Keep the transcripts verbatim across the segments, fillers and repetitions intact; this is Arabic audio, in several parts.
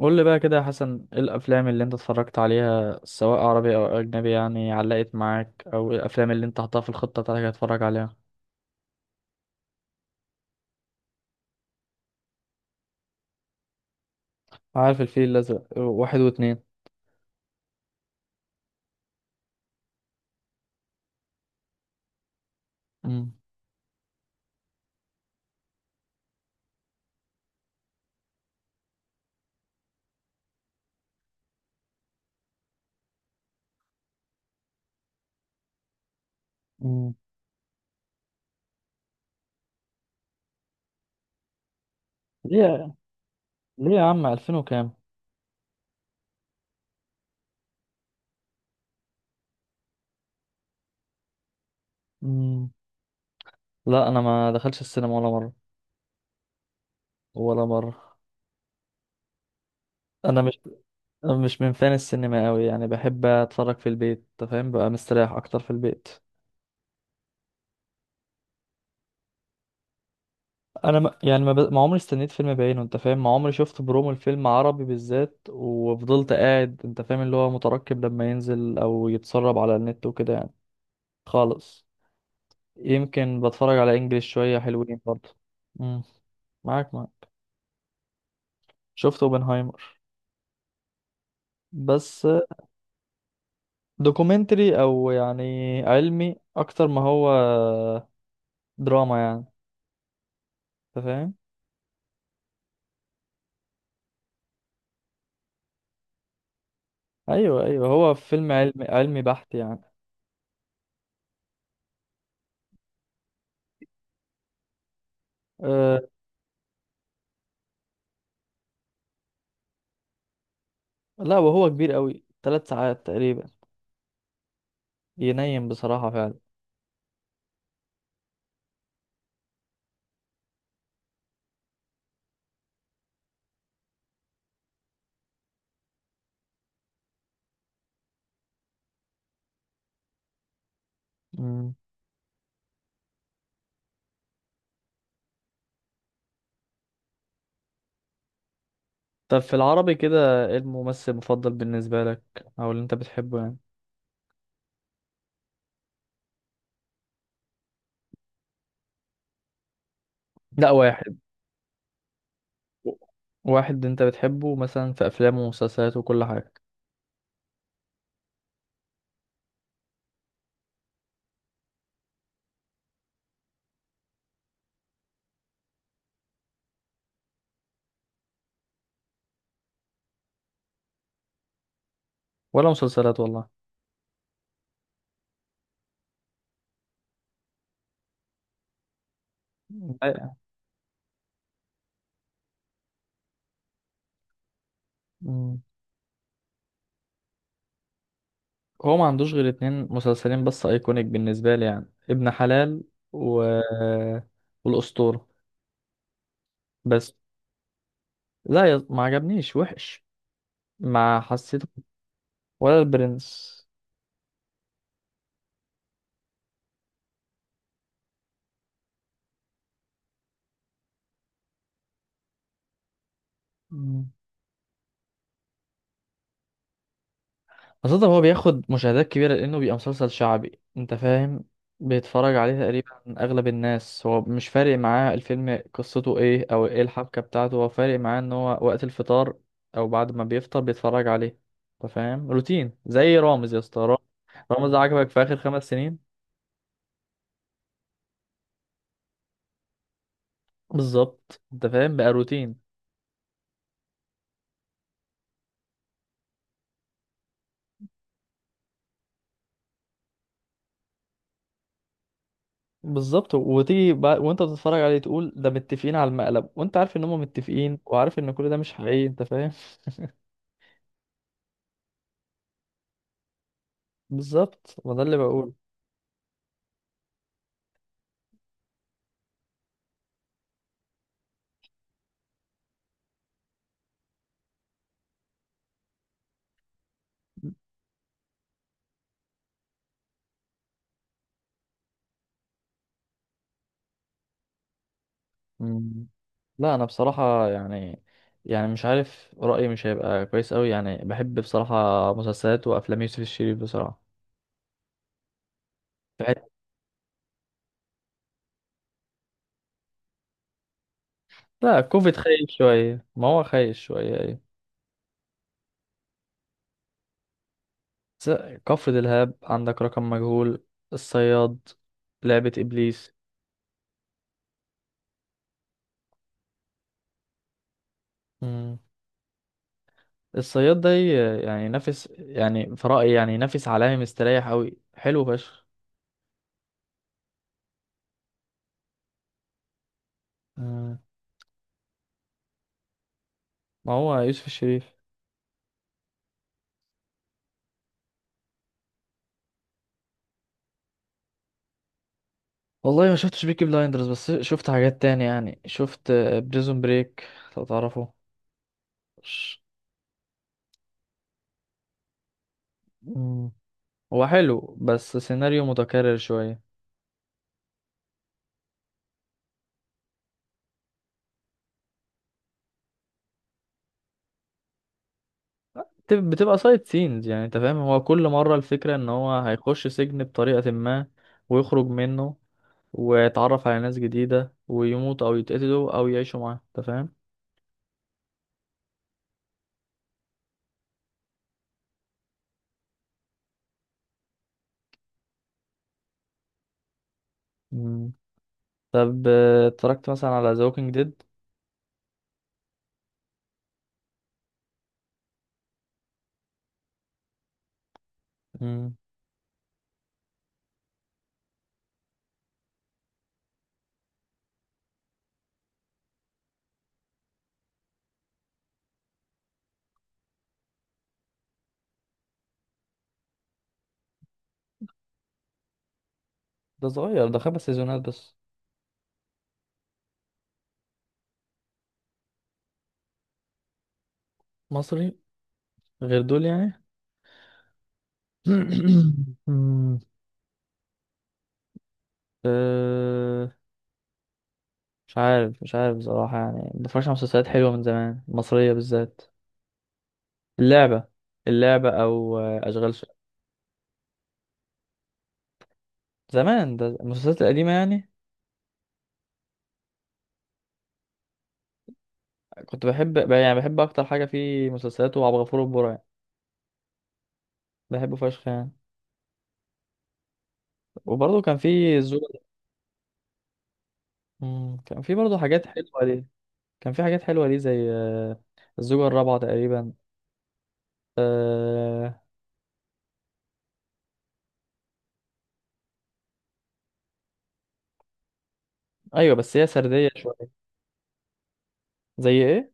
قول لي بقى كده يا حسن، ايه الافلام اللي انت اتفرجت عليها سواء عربي او اجنبي يعني علقت معاك؟ او إيه الافلام اللي انت حطها في الخطة بتاعتك هتتفرج عليها؟ عارف الفيل الازرق، آه، واحد واتنين. امم امم ليه، ليه يا عم؟ ألفين وكام؟ امم لا، انا ما دخلش السينما ولا مرة. ولا مرة. انا مش مش من فان السينما قوي، يعني بحب اتفرج في البيت. أنت فاهم بقى، مستريح اكتر في البيت. انا ما يعني ما, ب... ما عمري استنيت فيلم بعينه، انت فاهم، ما عمري شفت برومو الفيلم عربي بالذات وفضلت قاعد انت فاهم اللي هو مترقب لما ينزل او يتسرب على النت وكده يعني. خالص. يمكن بتفرج على انجليش شوية حلوين برضه. امم معاك، معاك. شفت اوبنهايمر، بس. دوكيومنتري او يعني علمي اكتر، ما هو دراما يعني، انت فاهم. ايوه، ايوه، هو فيلم علمي، علمي بحت يعني. أه. لا، وهو كبير قوي، ثلاث ساعات تقريبا. ينيم بصراحة فعلا. مم. طب في العربي كده، ايه الممثل المفضل بالنسبة لك، او اللي انت بتحبه يعني؟ لا، واحد. واحد انت بتحبه مثلا في افلامه ومسلسلاته وكل حاجة. ولا مسلسلات والله. أي- مم. هو ما عندوش غير اتنين مسلسلين بس ايكونيك بالنسبة لي، يعني ابن حلال و... والاسطورة، بس. لا يا... ما عجبنيش وحش، ما حسيته. ولا البرنس. خاصة هو بياخد مشاهدات كبيرة لأنه بيبقى مسلسل شعبي، أنت فاهم، بيتفرج عليه تقريبا أغلب الناس. هو مش فارق معاه الفيلم قصته إيه أو إيه الحبكة بتاعته، هو فارق معاه إن هو وقت الفطار أو بعد ما بيفطر بيتفرج عليه. أنت فاهم، روتين زي رامز، يا اسطى رامز. رامز ده عجبك في آخر خمس سنين. بالظبط. أنت فاهم بقى روتين. بالظبط، وتيجي بقى وانت بتتفرج عليه تقول ده متفقين على المقلب، وانت عارف ان هم متفقين وعارف ان كل ده مش حقيقي، انت فاهم. بالظبط، ما ده اللي بقوله. مم. لا، انا بصراحه يعني يعني مش عارف رايي مش هيبقى كويس قوي، يعني بحب بصراحه مسلسلات وافلام يوسف الشريف بصراحه. بحب- لا، كوفيد خايف شويه، ما هو خايف شويه، ايوه. س- كفر دلهاب، عندك رقم مجهول، الصياد، لعبه ابليس. مم. الصياد ده ي- يعني ينافس، يعني في رايي يعني ينافس عالمي، مستريح قوي، حلو فشخ. مم. ما هو يوسف الشريف. والله ما شفتش بيكي بلايندرز، بس شفت حاجات تانية، يعني شفت بريزون بريك لو تعرفه. ش- مم. هو حلو بس سيناريو متكرر شوية. بت- بتبقى سايد سينز يعني، انت فاهم، هو كل مرة الفكرة ان هو هيخش سجن بطريقة ما ويخرج منه ويتعرف على ناس جديدة ويموت او يتقتلوا او يعيشوا معاه، انت فاهم. مم. طب آه، اتفرجت مثلا على ذا ووكينج ديد؟ ده صغير، ده خمس سيزونات بس. مصري، غير دول يعني. أه. مش عارف، مش عارف بصراحة، يعني مبتفرجش على مسلسلات حلوة من زمان مصرية بالذات. اللعبة، اللعبة أو آه، أشغال شقة. زمان، ده المسلسلات القديمة يعني. كنت بحب، يعني بحب أكتر حاجة في مسلسلات وعبد الغفور البرعي، يعني بحبه فشخ يعني. وبرضه كان في الزوجة. مم، كان في برضه حاجات حلوة ليه. كان في حاجات حلوة ليه زي آه، الزوجة الرابعة تقريبا. أه. أيوة بس هي سردية شوية. زي إيه؟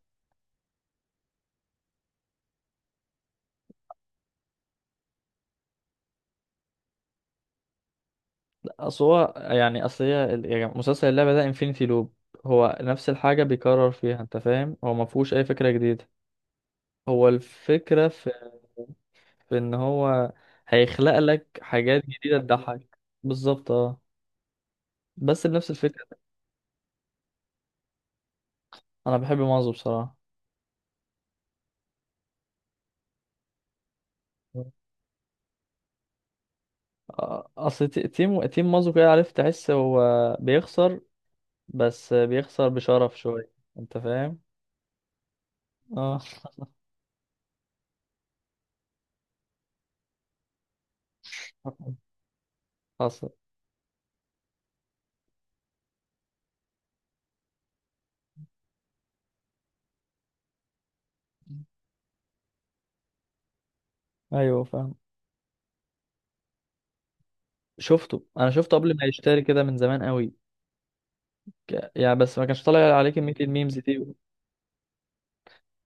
اصل هو يعني، اصل هي ال- يعني مسلسل اللعبة ده انفينيتي لوب، هو نفس الحاجة بيكرر فيها انت فاهم، هو ما فيهوش اي فكرة جديدة. هو الفكرة في, في ان هو هيخلق لك حاجات جديدة تضحك بالظبط، اه. بس بنفس الفكرة. انا بحب مازو بصراحة. آه، اصل ت- تيم تيم مازو كده، عارف، تحس هو بيخسر، بس بيخسر بشرف شوية، انت فاهم. اه. حصل. ايوه فاهم. شفته، انا شفته قبل ما يشتري كده، من زمان قوي. ك- يعني بس ما كانش طالع عليه كمية الميمز دي.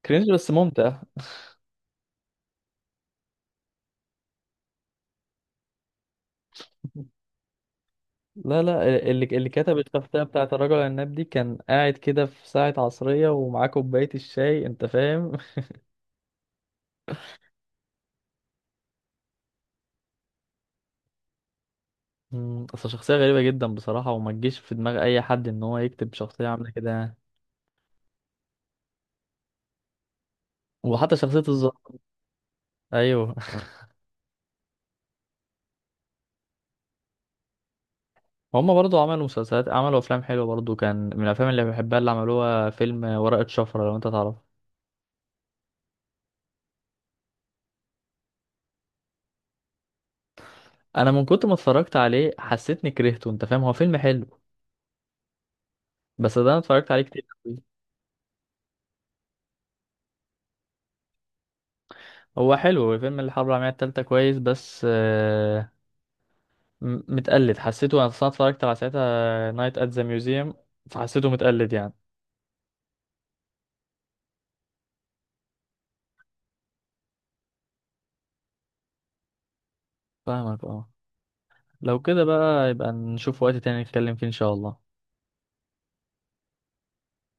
كرينج بس ممتع. لا، لا. اللي اللي كتب التغطية بتاعت الرجل العناب دي كان قاعد كده في ساعة عصرية ومعاه كوباية الشاي، انت فاهم. مم، اصل شخصية غريبة جدا بصراحة، وما تجيش في دماغ اي حد ان هو يكتب شخصية عاملة كده يعني. وحتى شخصية الظابط. ايوه. هما برضو عملوا مسلسلات، عملوا افلام حلوة برضو. كان من الافلام اللي بحبها اللي عملوها فيلم ورقة شفرة، لو انت تعرف. انا من كنت ما اتفرجت عليه حسيتني كرهته، انت فاهم، هو فيلم حلو بس. ده انا اتفرجت عليه كتير. هو حلو فيلم الحرب العالمية التالتة، كويس، بس آه، م- متقلد. حسيته انا أصلاً اتفرجت على ساعتها نايت ات ذا ميوزيوم، فحسيته متقلد يعني. فاهمك اه. لو كده بقى يبقى نشوف وقت تاني نتكلم فيه ان شاء الله.